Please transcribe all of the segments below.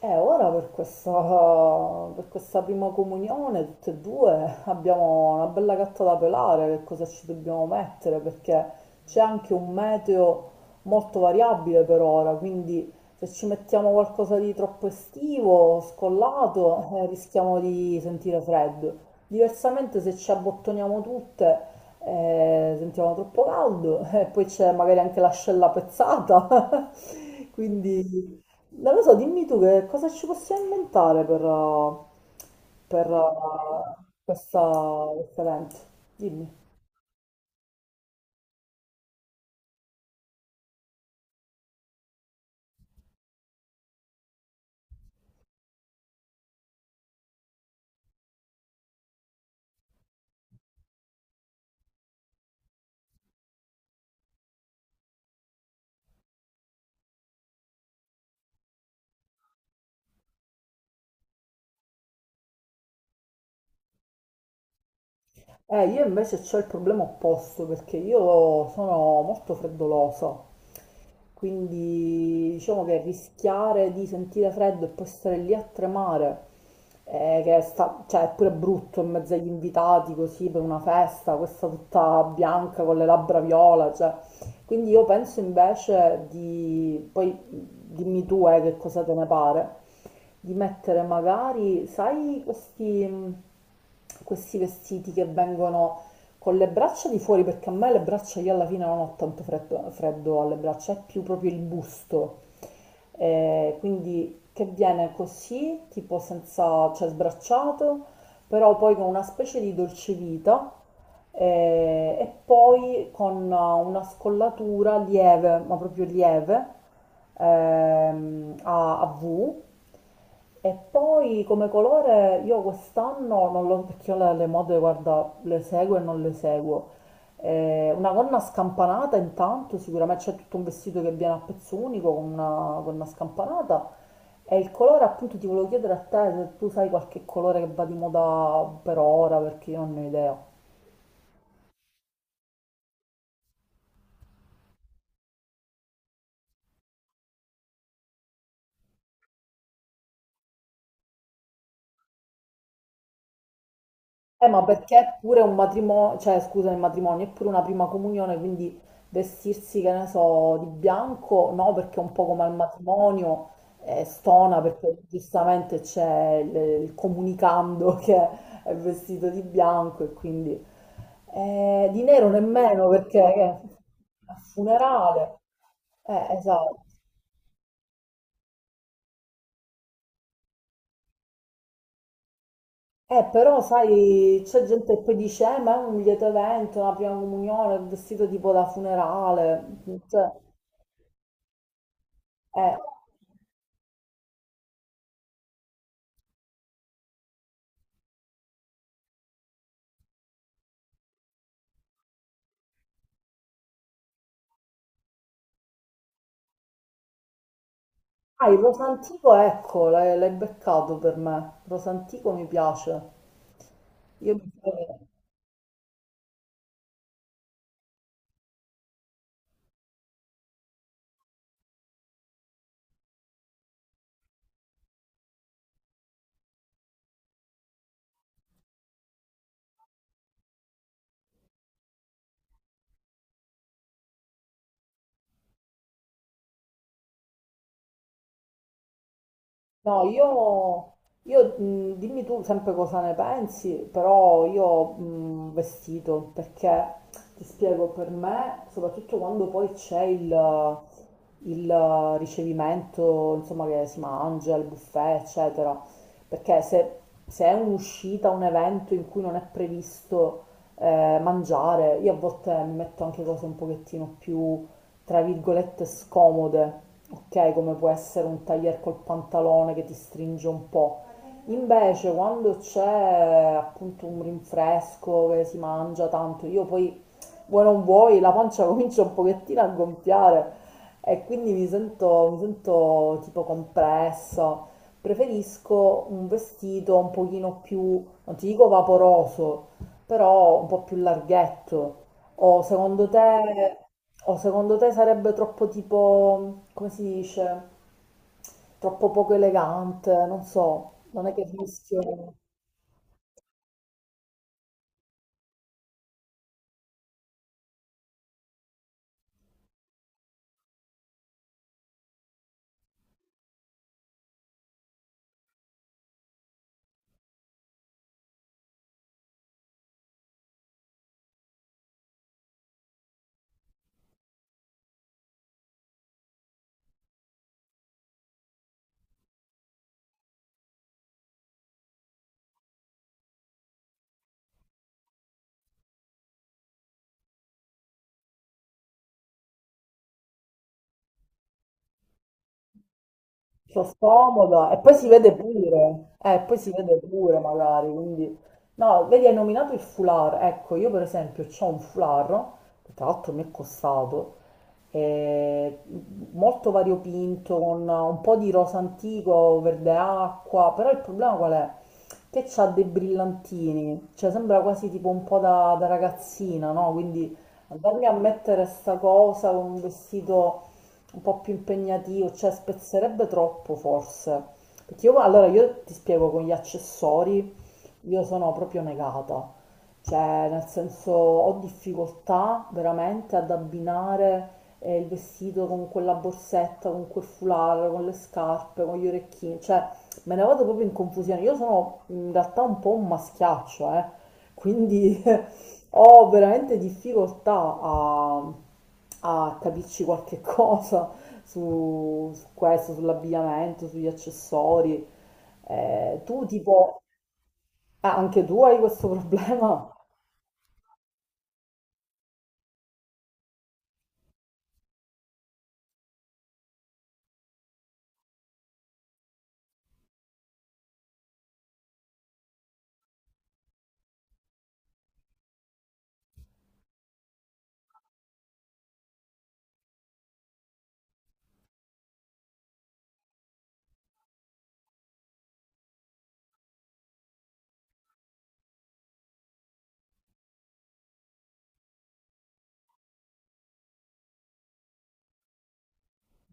E ora per questa prima comunione, tutte e due, abbiamo una bella gatta da pelare. Che cosa ci dobbiamo mettere, perché c'è anche un meteo molto variabile per ora, quindi se ci mettiamo qualcosa di troppo estivo, scollato, rischiamo di sentire freddo. Diversamente se ci abbottoniamo tutte, sentiamo troppo caldo, e poi c'è magari anche l'ascella pezzata, quindi... Non lo so, dimmi tu che cosa ci possiamo inventare per per questo evento. Dimmi. Io invece ho il problema opposto perché io sono molto freddolosa. Quindi diciamo che rischiare di sentire freddo e poi stare lì a tremare, che sta, cioè, è pure brutto in mezzo agli invitati, così per una festa, questa tutta bianca con le labbra viola, cioè. Quindi io penso invece di, poi dimmi tu che cosa te ne pare, di mettere magari, sai, questi, questi vestiti che vengono con le braccia di fuori, perché a me le braccia, io alla fine non ho tanto freddo, freddo alle braccia, è più proprio il busto. Quindi che viene così, tipo senza, cioè sbracciato, però poi con una specie di dolcevita e poi con una scollatura lieve, ma proprio lieve, a V. E poi come colore io quest'anno, non lo, perché io le mode, guarda, le seguo e non le seguo, una gonna scampanata intanto, sicuramente c'è tutto un vestito che viene a pezzo unico con una gonna scampanata, e il colore appunto ti volevo chiedere a te se tu sai qualche colore che va di moda per ora, perché io non ne ho idea. Ma perché è pure un matrimonio, cioè scusa, il matrimonio è pure una prima comunione, quindi vestirsi, che ne so, di bianco, no, perché è un po' come al matrimonio, stona, perché giustamente il comunicando che è vestito di bianco, e quindi di nero nemmeno, perché è un funerale. Esatto. Però sai, c'è gente che poi dice, ma è un lieto evento, la prima comunione, il vestito tipo da funerale. Cioè, eh. Ah, il rosantico, ecco, l'hai beccato per me. Il rosantico mi piace. Io mi... No, io, dimmi tu sempre cosa ne pensi, però io vestito perché ti spiego, per me, soprattutto quando poi il ricevimento, insomma, che si mangia, il buffet, eccetera, perché se è un'uscita, un evento in cui non è previsto mangiare, io a volte mi metto anche cose un pochettino più, tra virgolette, scomode, ok? Come può essere un taglier col pantalone che ti stringe un po'. Invece quando c'è appunto un rinfresco che si mangia tanto, io poi vuoi non vuoi la pancia comincia un pochettino a gonfiare, e quindi mi sento tipo compressa. Preferisco un vestito un pochino più, non ti dico vaporoso, però un po' più larghetto. O secondo te... O secondo te sarebbe troppo tipo, come si dice, troppo poco elegante, non so, non è che funziona. Sto scomoda e poi si vede pure, poi si vede pure magari, quindi... No, vedi, hai nominato il foulard, ecco, io per esempio ho un foulard, che tra l'altro mi è costato, eh, molto variopinto, con un po' di rosa antico, verde acqua, però il problema qual è? Che c'ha dei brillantini, cioè sembra quasi tipo un po' da ragazzina, no? Quindi andarmi a mettere sta cosa con un vestito un po' più impegnativo, cioè spezzerebbe troppo forse. Perché io, allora io ti spiego, con gli accessori, io sono proprio negata, cioè nel senso ho difficoltà veramente ad abbinare il vestito con quella borsetta, con quel foulard, con le scarpe, con gli orecchini, cioè me ne vado proprio in confusione. Io sono in realtà un po' un maschiaccio, quindi ho veramente difficoltà a, a capirci qualche cosa su questo, sull'abbigliamento, sugli accessori. Tu tipo... Ah, anche tu hai questo problema?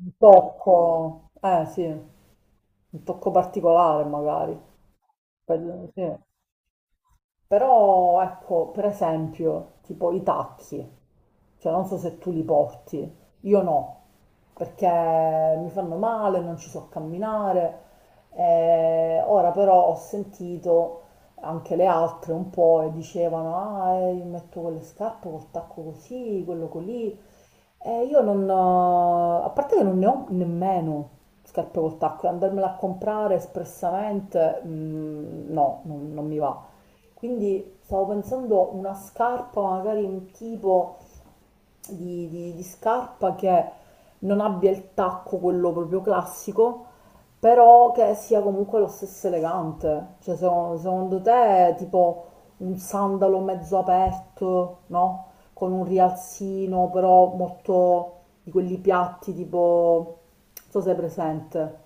Un tocco, eh sì, un tocco particolare magari. Per- sì. Però ecco, per esempio, tipo i tacchi, cioè non so se tu li porti, io no, perché mi fanno male, non ci so camminare. Ora però ho sentito anche le altre un po' e dicevano, ah, io metto quelle scarpe col tacco così, quello così. Io non ho, a parte che non ne ho nemmeno scarpe col tacco, e andarmela a comprare espressamente, mm, no, non mi va. Quindi stavo pensando una scarpa magari un tipo di di scarpa che non abbia il tacco, quello proprio classico, però che sia comunque lo stesso elegante. Cioè, se- secondo te, tipo un sandalo mezzo aperto, no? Con un rialzino, però molto di quelli piatti, tipo, non so se è presente.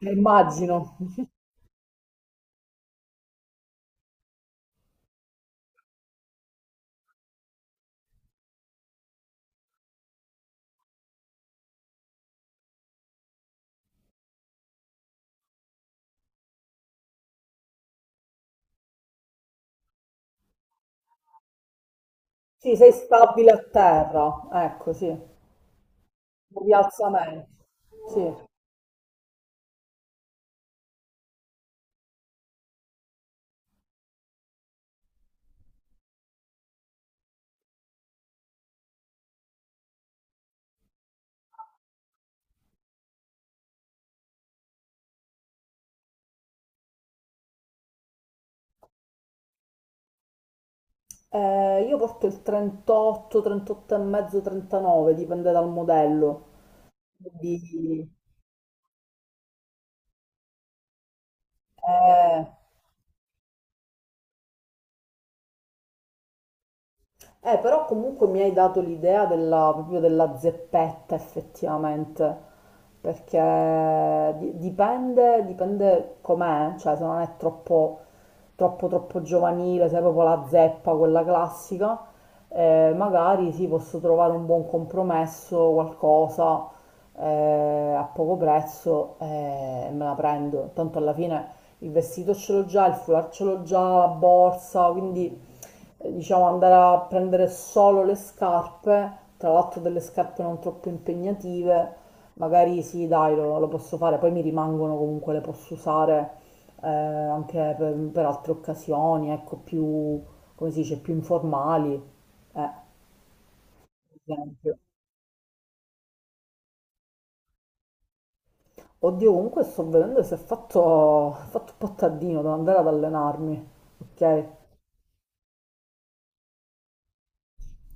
Immagino. Sì, sei stabile a terra, ecco, sì. Un rialzamento. Sì. Io porto il 38, 38 e mezzo, 39, dipende dal modello. Quindi, eh, eh, però comunque mi hai dato l'idea della, proprio della zeppetta, effettivamente, perché di- dipende, dipende com'è, cioè se non è troppo, troppo, giovanile, se è proprio la zeppa, quella classica, magari sì, posso trovare un buon compromesso, qualcosa a poco prezzo e me la prendo. Tanto alla fine il vestito ce l'ho già, il foulard ce l'ho già, la borsa, quindi diciamo, andare a prendere solo le scarpe, tra l'altro delle scarpe non troppo impegnative, magari sì, dai, lo posso fare, poi mi rimangono comunque, le posso usare anche per altre occasioni, ecco, più, come si dice, più informali, per esempio. Oddio, comunque sto vedendo se ho fatto, ho fatto un po' tardino, devo andare ad allenarmi, ok?